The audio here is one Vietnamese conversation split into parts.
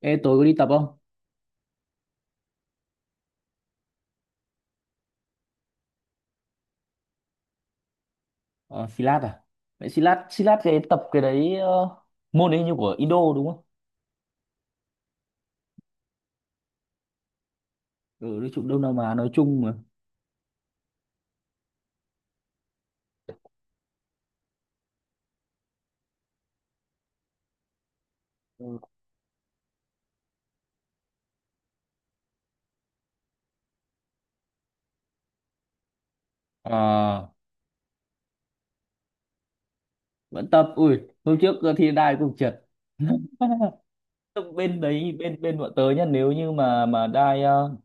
Ê, tối có đi tập không? Ờ, Silat à? Vậy Silat, Silat cái tập cái đấy, môn đấy như của Indo đúng không? Ừ, nói chung Đông Nam Á nói chung mà. Ừ. Ờ, vẫn tập. Ui, hôm trước thì đai cũng trượt. Tập bên đấy bên bên bọn tớ nhá, nếu như mà đai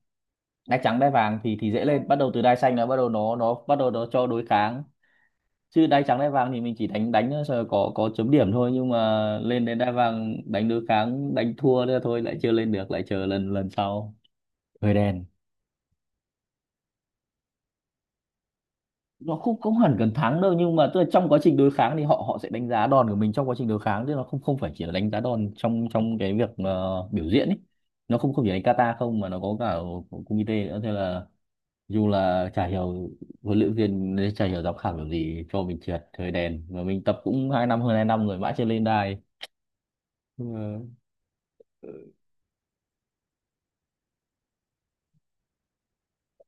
đai trắng đai vàng thì dễ lên, bắt đầu từ đai xanh là bắt đầu nó bắt đầu nó cho đối kháng. Chứ đai trắng đai vàng thì mình chỉ đánh đánh rồi có chấm điểm thôi, nhưng mà lên đến đai vàng đánh đối kháng đánh thua nữa thôi lại chưa lên được, lại chờ lần lần sau. Hơi đen. Nó không không hẳn cần thắng đâu, nhưng mà tức là trong quá trình đối kháng thì họ họ sẽ đánh giá đòn của mình trong quá trình đối kháng, chứ nó không không phải chỉ là đánh giá đòn trong trong cái việc, biểu diễn ấy. Nó không không chỉ đánh kata không mà nó có cả kumite nữa. Thế là dù là chả hiểu huấn luyện viên, chả hiểu giám khảo kiểu gì cho mình trượt thời đèn, mà mình tập cũng hai năm, hơn hai năm rồi mãi chưa lên đài. Nhưng mà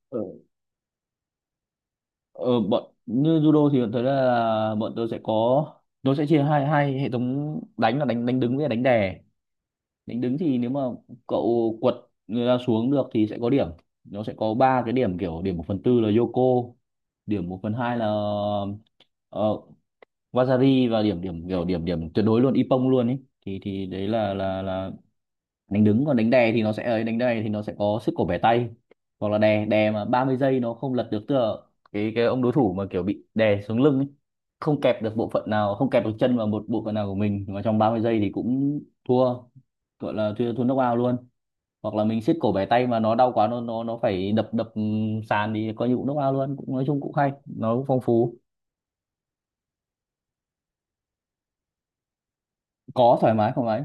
ở, ở bọn như judo thì thấy là bọn tôi sẽ có, tôi sẽ chia hai hai hệ thống đánh là đánh đánh đứng với đánh đè. Đánh đứng thì nếu mà cậu quật người ta xuống được thì sẽ có điểm. Nó sẽ có ba cái điểm, kiểu điểm một phần tư là Yoko, điểm một phần hai là, ờ, Wazari, và điểm điểm kiểu điểm điểm tuyệt đối luôn Ippon luôn ấy, thì đấy là đánh đứng. Còn đánh đè thì nó sẽ ấy, đánh đè thì nó sẽ có sức cổ bẻ tay, hoặc là đè đè mà 30 giây nó không lật được, tức là cái ông đối thủ mà kiểu bị đè xuống lưng ấy, không kẹp được bộ phận nào, không kẹp được chân vào một bộ phận nào của mình, mà trong 30 giây thì cũng thua, gọi là thua thua knock out luôn. Hoặc là mình siết cổ bẻ tay mà nó đau quá, nó phải đập đập sàn thì coi như cũng knock luôn. Cũng nói chung cũng hay, nó cũng phong phú. Có, thoải mái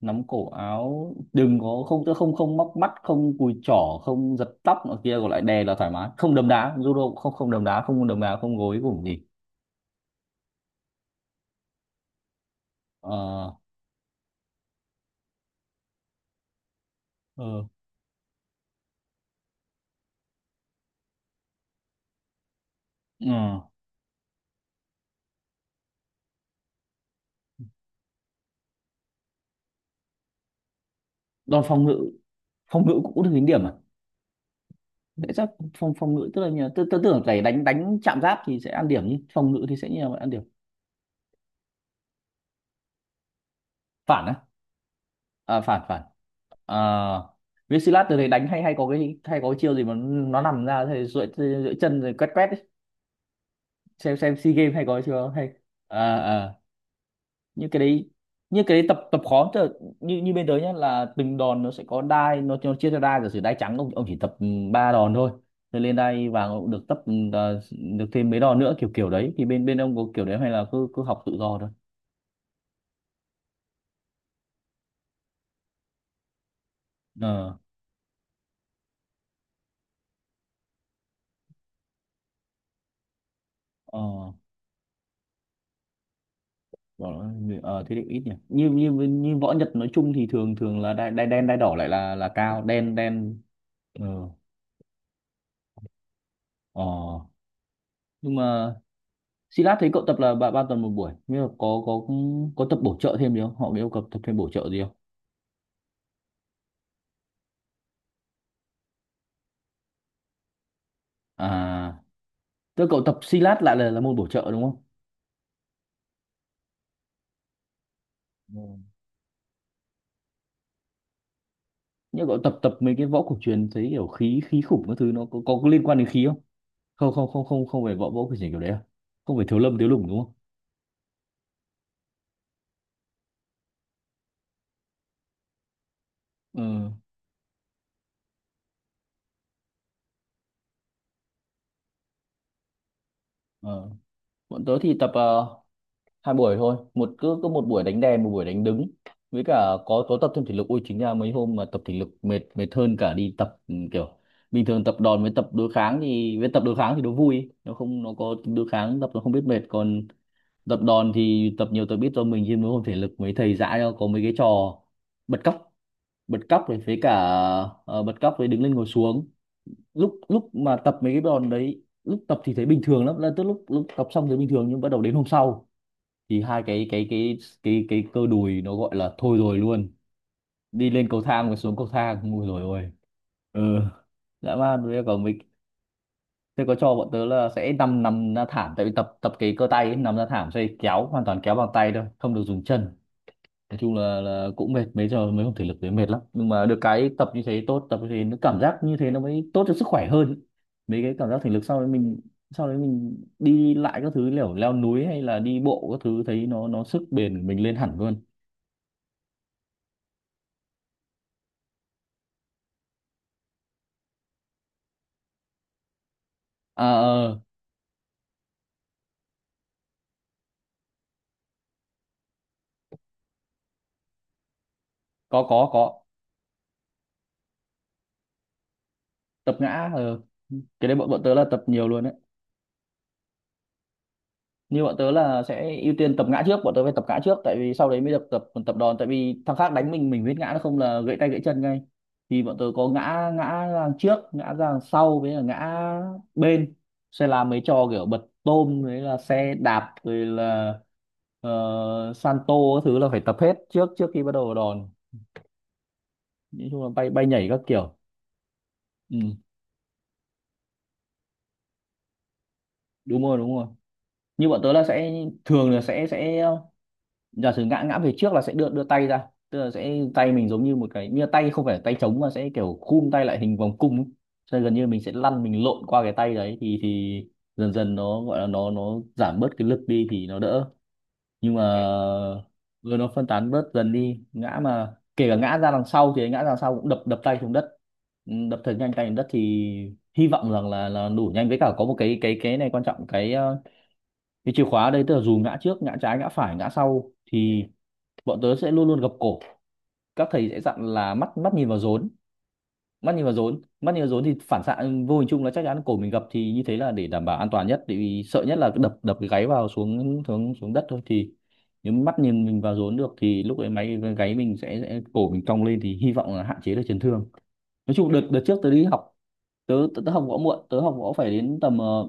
nắm cổ áo, đừng có không, tức không, không móc mắt, không cùi chỏ, không giật tóc nọ kia, còn lại đè là thoải mái, không đấm đá judo, không không đấm đá, không đấm đá, không gối cũng gì. Ờ ờ ờ. Đòn phòng ngự, phòng ngự cũng được tính điểm à? Lẽ chắc phòng phòng ngự, tức là nhờ tôi tưởng phải đánh, đánh chạm giáp thì sẽ ăn điểm, nhưng phòng ngự thì sẽ nhiều ăn điểm. Phản á? À, phản phản. À, Vinsilat từ đấy đánh hay, hay có cái chiêu gì mà nó nằm ra thì duỗi duỗi chân rồi quét quét ấy. Xem SEA Games hay có chưa hay, à, à. Như cái đấy, như cái đấy tập, tập khó chứ. Như như bên tớ nhá, là từng đòn nó sẽ có đai, nó chia ra đai, giả sử đai trắng ông chỉ tập, ba đòn thôi, rồi lên đai vàng ông được tập, được thêm mấy đòn nữa kiểu kiểu đấy, thì bên bên ông có kiểu đấy hay là cứ cứ học tự do thôi. Ờ ờ. Bảo nó nhiều- ờ thế thì ít nhỉ, như như như võ Nhật nói chung thì thường thường là đai, đai đai đỏ lại là cao đen đen. Ờ ờ. Nhưng mà Silat thấy cậu tập là ba ba tuần một buổi, nhưng mà có tập bổ trợ thêm gì không, họ có yêu cầu tập thêm bổ trợ gì không? À, tức là cậu tập Silat lại là môn bổ trợ đúng không? Ừ. Nhưng cậu tập, tập mấy cái võ cổ truyền thấy kiểu khí khí khủng các thứ, nó có, liên quan đến khí không? Không không không không không, phải võ võ cổ truyền kiểu đấy à? Không phải thiếu lâm thiếu lủng đúng không? Ừ. Ờ. Bọn tớ thì tập, hai buổi thôi, một cứ cứ một buổi đánh đèn, một buổi đánh đứng, với cả có tập thêm thể lực. Ôi chính ra mấy hôm mà tập thể lực mệt, mệt hơn cả đi tập, kiểu bình thường. Tập đòn với tập đối kháng thì, với tập đối kháng thì nó vui ý, nó không, nó có tính đối kháng, tập nó không biết mệt. Còn tập đòn thì tập nhiều tập biết cho mình, nhưng mấy hôm thể lực mấy thầy dạy cho có mấy cái trò bật cóc, bật cóc rồi với cả, bật cóc với đứng lên ngồi xuống. Lúc lúc mà tập mấy cái đòn đấy, lúc tập thì thấy bình thường lắm, là tức lúc lúc tập xong thấy bình thường, nhưng bắt đầu đến hôm sau thì hai cái cơ đùi nó gọi là thôi rồi luôn. Đi lên cầu thang và xuống cầu thang, ui rồi ôi, ừ, dã man. Bây giờ còn mấy thế, có cho bọn tớ là sẽ nằm nằm ra thảm, tại vì tập, tập cái cơ tay ấy, nằm ra thảm sẽ kéo, hoàn toàn kéo bằng tay thôi, không được dùng chân. Nói chung là cũng mệt, mấy giờ mới không, thể lực đấy mệt lắm, nhưng mà được cái tập như thế tốt, tập như thế nó cảm giác, như thế nó mới tốt cho sức khỏe hơn. Mấy cái cảm giác thể lực sau đấy mình, sau đấy mình đi lại các thứ kiểu leo núi hay là đi bộ các thứ, thấy nó sức bền của mình lên hẳn luôn. À, ờ, có có. Tập ngã, ờ. Cái đấy bọn bọn tớ là tập nhiều luôn đấy. Như bọn tớ là sẽ ưu tiên tập ngã trước, bọn tớ phải tập ngã trước, tại vì sau đấy mới được tập, tập đòn, tại vì thằng khác đánh mình biết ngã, nó không là gãy tay gãy chân ngay. Thì bọn tớ có ngã ngã ra trước, ngã ra đằng sau, với là ngã bên, sẽ làm mấy trò kiểu bật tôm đấy, là xe đạp rồi là, ờ, Santo các thứ, là phải tập hết trước trước khi bắt đầu vào đòn. Nói chung là bay bay nhảy các kiểu. Ừ, đúng rồi đúng rồi. Như bọn tớ là sẽ thường là sẽ giả sử ngã ngã về trước là sẽ đưa đưa tay ra, tức là sẽ tay mình giống như một cái, như tay không, phải tay trống mà sẽ kiểu khum tay lại hình vòng cung ấy. Cho nên gần như mình sẽ lăn, mình lộn qua cái tay đấy thì dần dần nó gọi là nó giảm bớt cái lực đi thì nó đỡ. Nhưng mà Ừ, ừ, nó phân tán bớt dần đi, ngã mà kể cả ngã ra đằng sau thì ngã ra đằng sau cũng đập đập tay xuống đất. Ừ, đập thật nhanh tay xuống đất thì hy vọng rằng là đủ nhanh, với cả có một cái này quan trọng, cái, cái chìa khóa ở đây, tức là dù ngã trước, ngã trái, ngã phải, ngã sau thì bọn tớ sẽ luôn luôn gập cổ. Các thầy sẽ dặn là mắt mắt nhìn vào rốn, mắt nhìn vào rốn, mắt nhìn vào rốn thì phản xạ vô hình chung là chắc chắn cổ mình gập, thì như thế là để đảm bảo an toàn nhất, tại vì sợ nhất là cứ đập đập cái gáy vào, xuống xuống xuống đất thôi, thì nếu mắt nhìn mình vào rốn được thì lúc ấy máy gáy mình sẽ cổ mình cong lên thì hy vọng là hạn chế được chấn thương. Nói chung đợt, đợt trước tớ đi học, tớ tớ, tớ học võ muộn, tớ học võ phải đến tầm,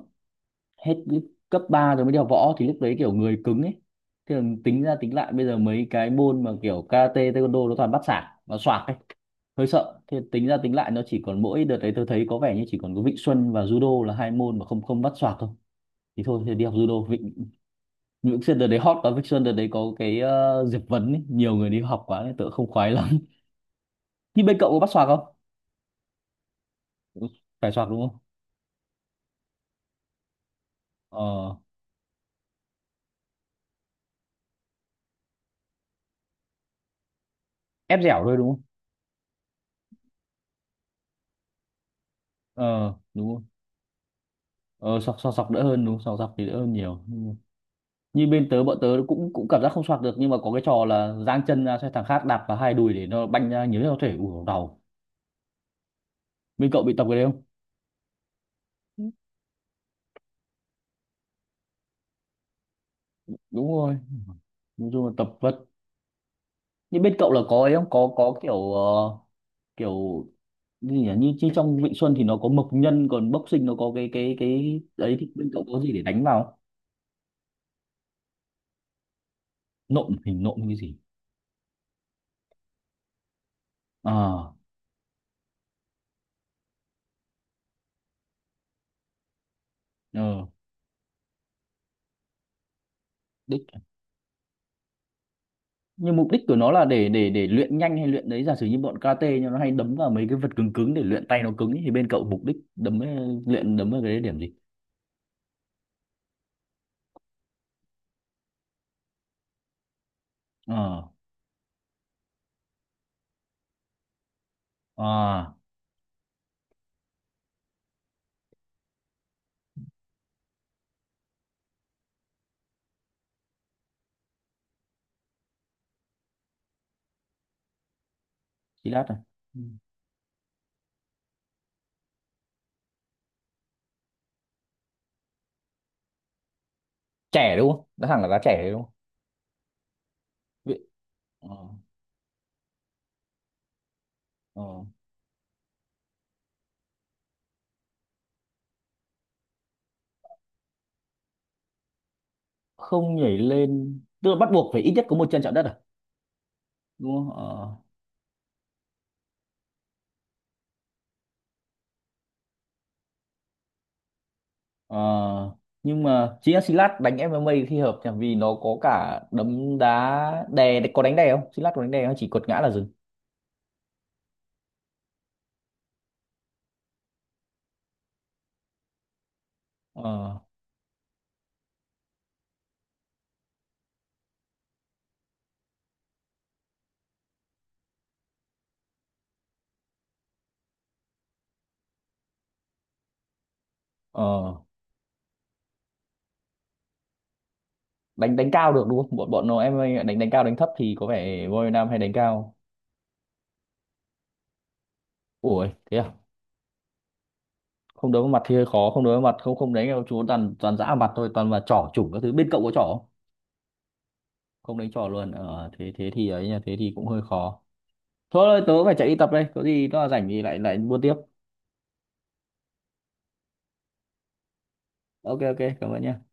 hết cái cấp 3 rồi mới đi học võ, thì lúc đấy kiểu người cứng ấy. Thế là tính ra tính lại bây giờ mấy cái môn mà kiểu karate taekwondo nó toàn bắt sảng, nó xoạc ấy, hơi sợ. Thế tính ra tính lại nó chỉ còn mỗi đợt đấy tôi thấy có vẻ như chỉ còn có Vịnh Xuân và judo là hai môn mà không không bắt xoạc thôi. Thì thôi thì đi học judo. Vịnh, Vịnh Xuân đợt đấy hot quá. Vịnh Xuân đợt đấy có cái, Diệp Vấn ấy, nhiều người đi học quá nên tớ không khoái lắm. nhưng bên cậu có bắt xoạc không? Phải xoạc đúng không? Ờ. Ép dẻo thôi đúng không? Ờ đúng không? Ờ, sọc sọc sọc đỡ hơn đúng không? Sọc sọc thì đỡ hơn nhiều. Như bên tớ bọn tớ cũng cũng cảm giác không soạc được, nhưng mà có cái trò là giang chân ra cho thằng khác đạp vào hai đùi để nó banh ra nhiều nhất có thể, ủ đầu. Bên cậu bị tập cái đấy không? Ừ. Đúng rồi. Nói chung là tập vật. Nhưng bên cậu là có ấy không, có kiểu, kiểu như nhỉ, như, như trong Vịnh Xuân thì nó có mộc nhân, còn boxing nó có cái đấy thì bên cậu có gì để đánh vào không? Nộm, hình nộm như cái gì? À, ờ. Nhưng mục đích của nó là để luyện nhanh hay luyện đấy, giả sử như bọn karate nhưng nó hay đấm vào mấy cái vật cứng cứng để luyện tay nó cứng ấy, thì bên cậu mục đích đấm ấy- luyện đấm vào cái đấy điểm gì? Ờ. À chỉ lát này. Ừ. Trẻ đúng không, đã thẳng là giá trẻ đấy đúng không? Vậy- ờ, ờ. Không nhảy lên tức là bắt buộc phải ít nhất có một chân chạm đất à? Đúng không? Ờ ờ. Nhưng mà chính là Silat đánh em A khi hợp nhỉ, vì nó có cả đấm đá đè. Có đánh đè không, Xì lát có đánh đè không, chỉ quật ngã là dừng? Ờ ờ đánh, đánh cao được đúng không? Bọn bọn nó em ơi, đánh đánh cao đánh thấp thì có vẻ voi Việt Nam hay đánh cao. Ủa thế à? Không đấu vào mặt thì hơi khó. Không đấu vào mặt, không không đánh đâu chú, toàn, toàn dã vào mặt thôi, toàn là trỏ chủng các thứ. Bên cậu có trỏ không? Không đánh trỏ luôn, ờ, thế thế thì ấy nha, thế thì cũng hơi khó. Thôi tớ phải chạy đi tập đây, có gì nó rảnh thì lại lại buôn tiếp. Ok ok cảm ơn nhé.